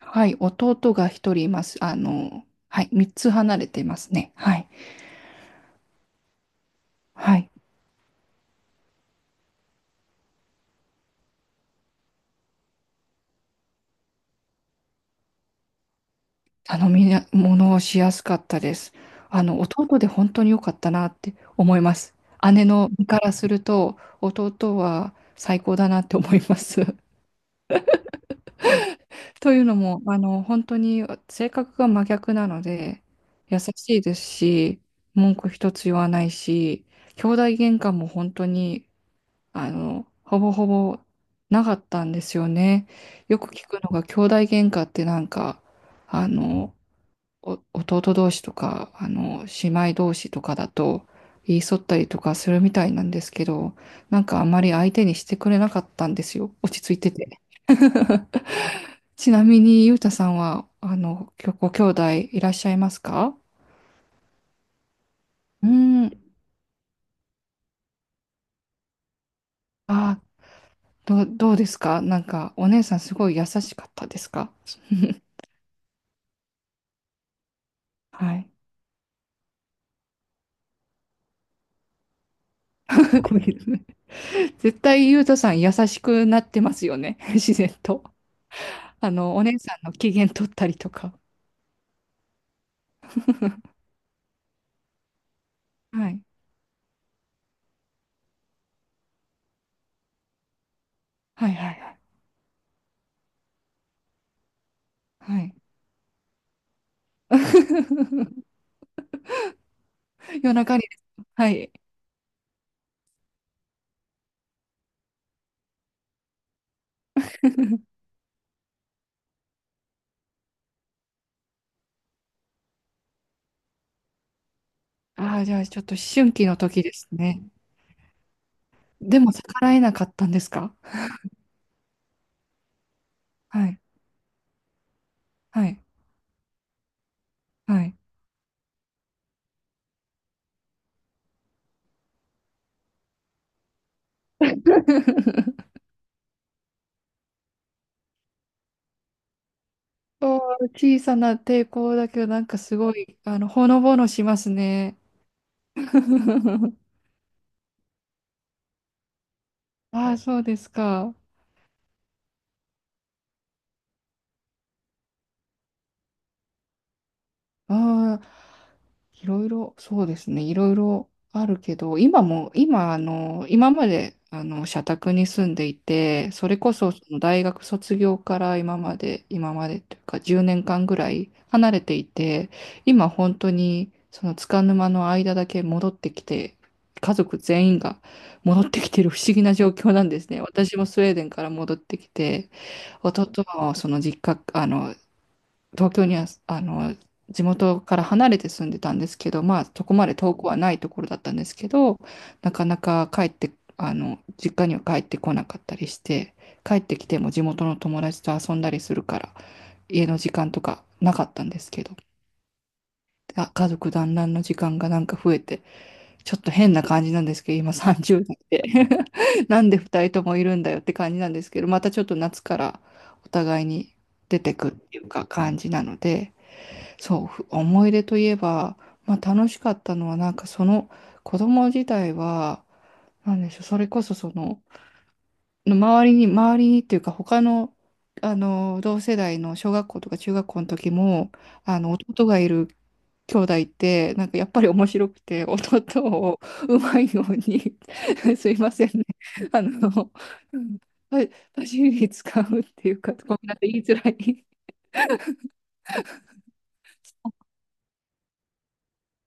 はい、弟が一人います。はい、三つ離れていますね。はい。はい。頼みな物をしやすかったです。弟で本当に良かったなって思います。姉の身からすると、弟は最高だなって思います。というのも、本当に性格が真逆なので、優しいですし、文句一つ言わないし、兄弟喧嘩も本当にほぼほぼなかったんですよね。よく聞くのが、兄弟喧嘩ってなんか、あの、お弟同士とか、姉妹同士とかだと、言い添ったりとかするみたいなんですけど、なんかあんまり相手にしてくれなかったんですよ。落ち着いてて。ちなみに、ゆうたさんは、きょご兄弟いらっしゃいますか？うーん。あ、どうですかなんか、お姉さんすごい優しかったですか？ はい。ごめんなさい、絶対ゆうとさん優しくなってますよね。自然と。お姉さんの機嫌取ったりとか。はい。はいはいはい。はい。夜中に。はい。ああ、じゃあちょっと思春期の時ですね。でも逆らえなかったんですか？はい。はい。はい。おー、小さな抵抗だけど、なんかすごい、ほのぼのしますね。ああ、そうですか。ああ、いろいろ、そうですね、いろいろあるけど、今も、今、今まで、社宅に住んでいて、それこそ、その大学卒業から今まで、今までというか、10年間ぐらい離れていて、今、本当に、その、束の間の間だけ戻ってきて、家族全員が戻ってきてる不思議な状況なんですね。私もスウェーデンから戻ってきて、弟もその実家、東京には、地元から離れて住んでたんですけど、まあ、そこまで遠くはないところだったんですけど、なかなか帰って、実家には帰ってこなかったりして、帰ってきても地元の友達と遊んだりするから、家の時間とかなかったんですけど、あ、家族団らんの時間がなんか増えて、ちょっと変な感じなんですけど、今30代で なんで2人ともいるんだよって感じなんですけど、またちょっと夏からお互いに出てくっていうか感じなので、そう、ふ思い出といえば、まあ楽しかったのは、なんかその子供自体は、なんでしょう、それこそその、周りにっていうか、他の、同世代の小学校とか中学校の時も、弟がいる兄弟って、なんかやっぱり面白くて、弟をうまいように すいませんね、あの、うんパパシリ に使うっていうか、ごめんなさい、言いづらい。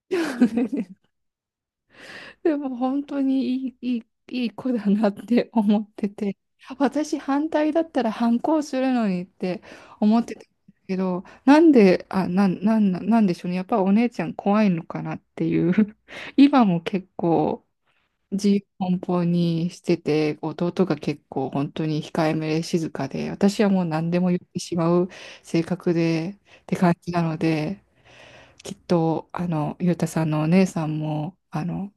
でも本当にいい子だなって思ってて、私反対だったら反抗するのにって思ってたんですけど、なんで、なんでしょうね。やっぱお姉ちゃん怖いのかなっていう。今も結構自由奔放にしてて、弟が結構本当に控えめで静かで、私はもう何でも言ってしまう性格でって感じなので、きっと、ゆうたさんのお姉さんも、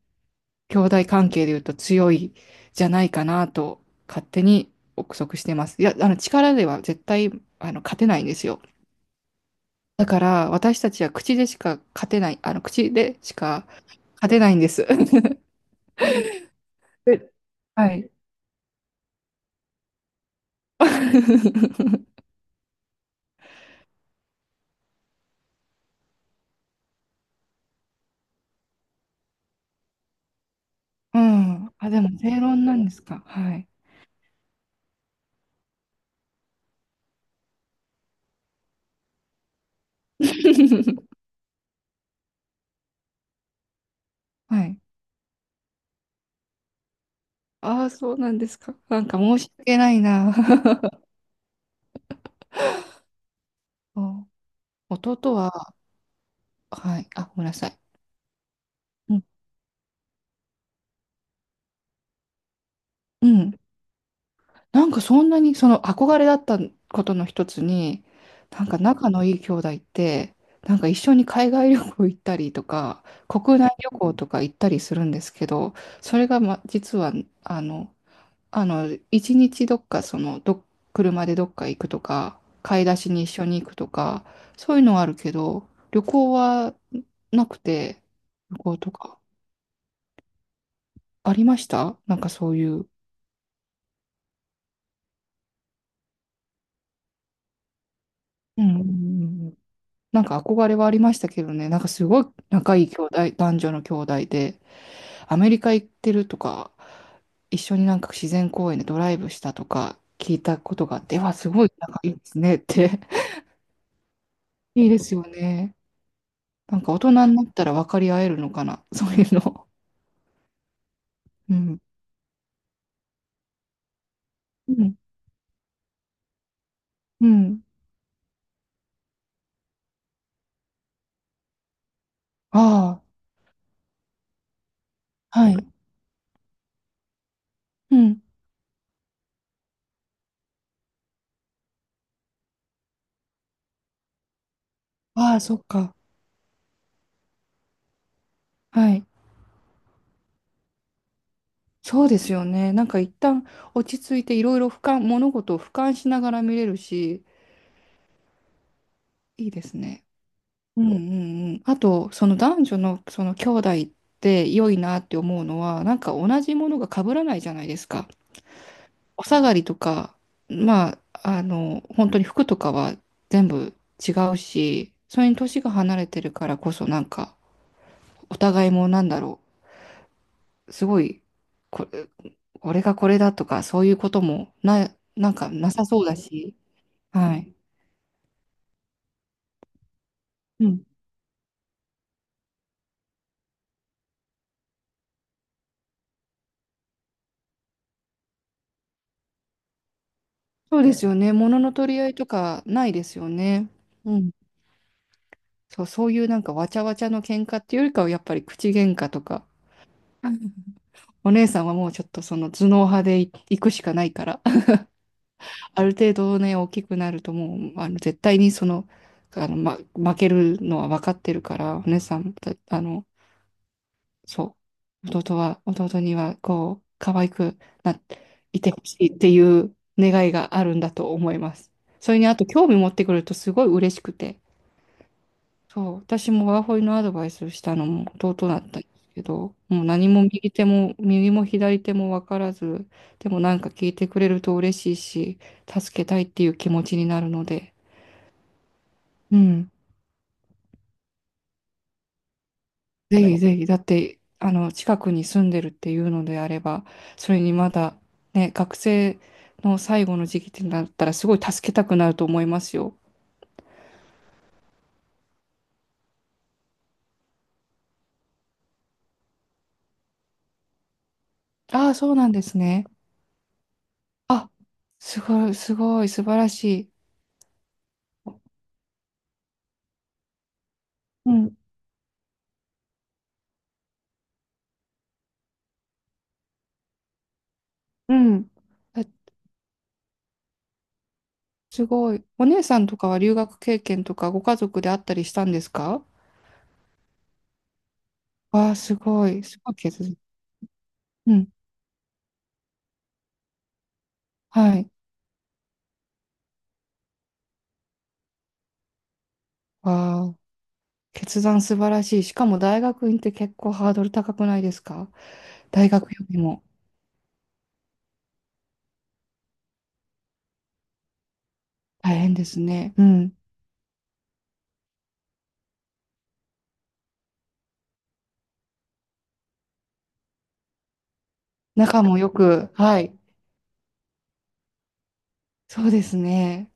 兄弟関係で言うと強いじゃないかなと勝手に憶測してます。いや、あの力では絶対あの勝てないんですよ。だから私たちは口でしか勝てない、あの口でしか勝てないんです。え、はい。うん。あ、でも正論なんですか。はい。はい。ああ、そうなんですか。なんか申し訳ないな。そう、弟は、はい。あ、ごめんなさい。うん。うん、なんかそんなにその憧れだったことの一つに、なんか仲のいい兄弟って、なんか一緒に海外旅行行ったりとか、国内旅行とか行ったりするんですけど、それが、ま、実は、あの、あの、一日どっか、車でどっか行くとか、買い出しに一緒に行くとか、そういうのはあるけど、旅行はなくて、旅行とか、ありましたなんかそういう。うんうんうんうん、なんか憧れはありましたけどね、なんかすごい仲いい兄弟、男女の兄弟で、アメリカ行ってるとか、一緒になんか自然公園でドライブしたとか聞いたことがあって、うわ、すごい仲いいですねって。いいですよね。なんか大人になったら分かり合えるのかな、そういうの。うん。うん。うん。ああ、はい。うん。ああ、そっか。はい。そうですよね。なんか一旦落ち着いていろいろ俯瞰、物事を俯瞰しながら見れるし、いいですね。うんうんうん。あと、その男女のその兄弟って良いなって思うのは、なんか同じものが被らないじゃないですか。お下がりとか、まあ、本当に服とかは全部違うし、それに年が離れてるからこそ、なんか、お互いもなんだろう、すごい、これ、俺がこれだとか、そういうこともな、なんかなさそうだし、はい。うん。そうですよね。物の取り合いとかないですよね。そう、そういうなんかわちゃわちゃの喧嘩っていうよりかはやっぱり口喧嘩とか、お姉さんはもうちょっとその頭脳派でい行くしかないから、ある程度ね、大きくなるともう、絶対にその、負けるのは分かってるから、お姉さん、あの、そう、弟にはこう、可愛くなっていてほしいっていう願いがあるんだと思います。それにあと興味持ってくれるとすごい嬉しくて、そう、私もワーホリのアドバイスをしたのも弟だったんですけど、もう何も右手も、右も左も分からず、でもなんか聞いてくれると嬉しいし、助けたいっていう気持ちになるので、うん、ぜひぜひ、だって、近くに住んでるっていうのであれば、それにまだ、ね、学生の最後の時期ってなったら、すごい助けたくなると思いますよ。ああ、そうなんですね。あ、すごい、素晴らしい。うん、うん。すごい。お姉さんとかは留学経験とかご家族であったりしたんですか？わあ、すごい。すごい決断。うん。はい。わあ、決断素晴らしい。しかも大学院って結構ハードル高くないですか？大学よりも大変ですね。うん。仲もよく。はい。そうですね。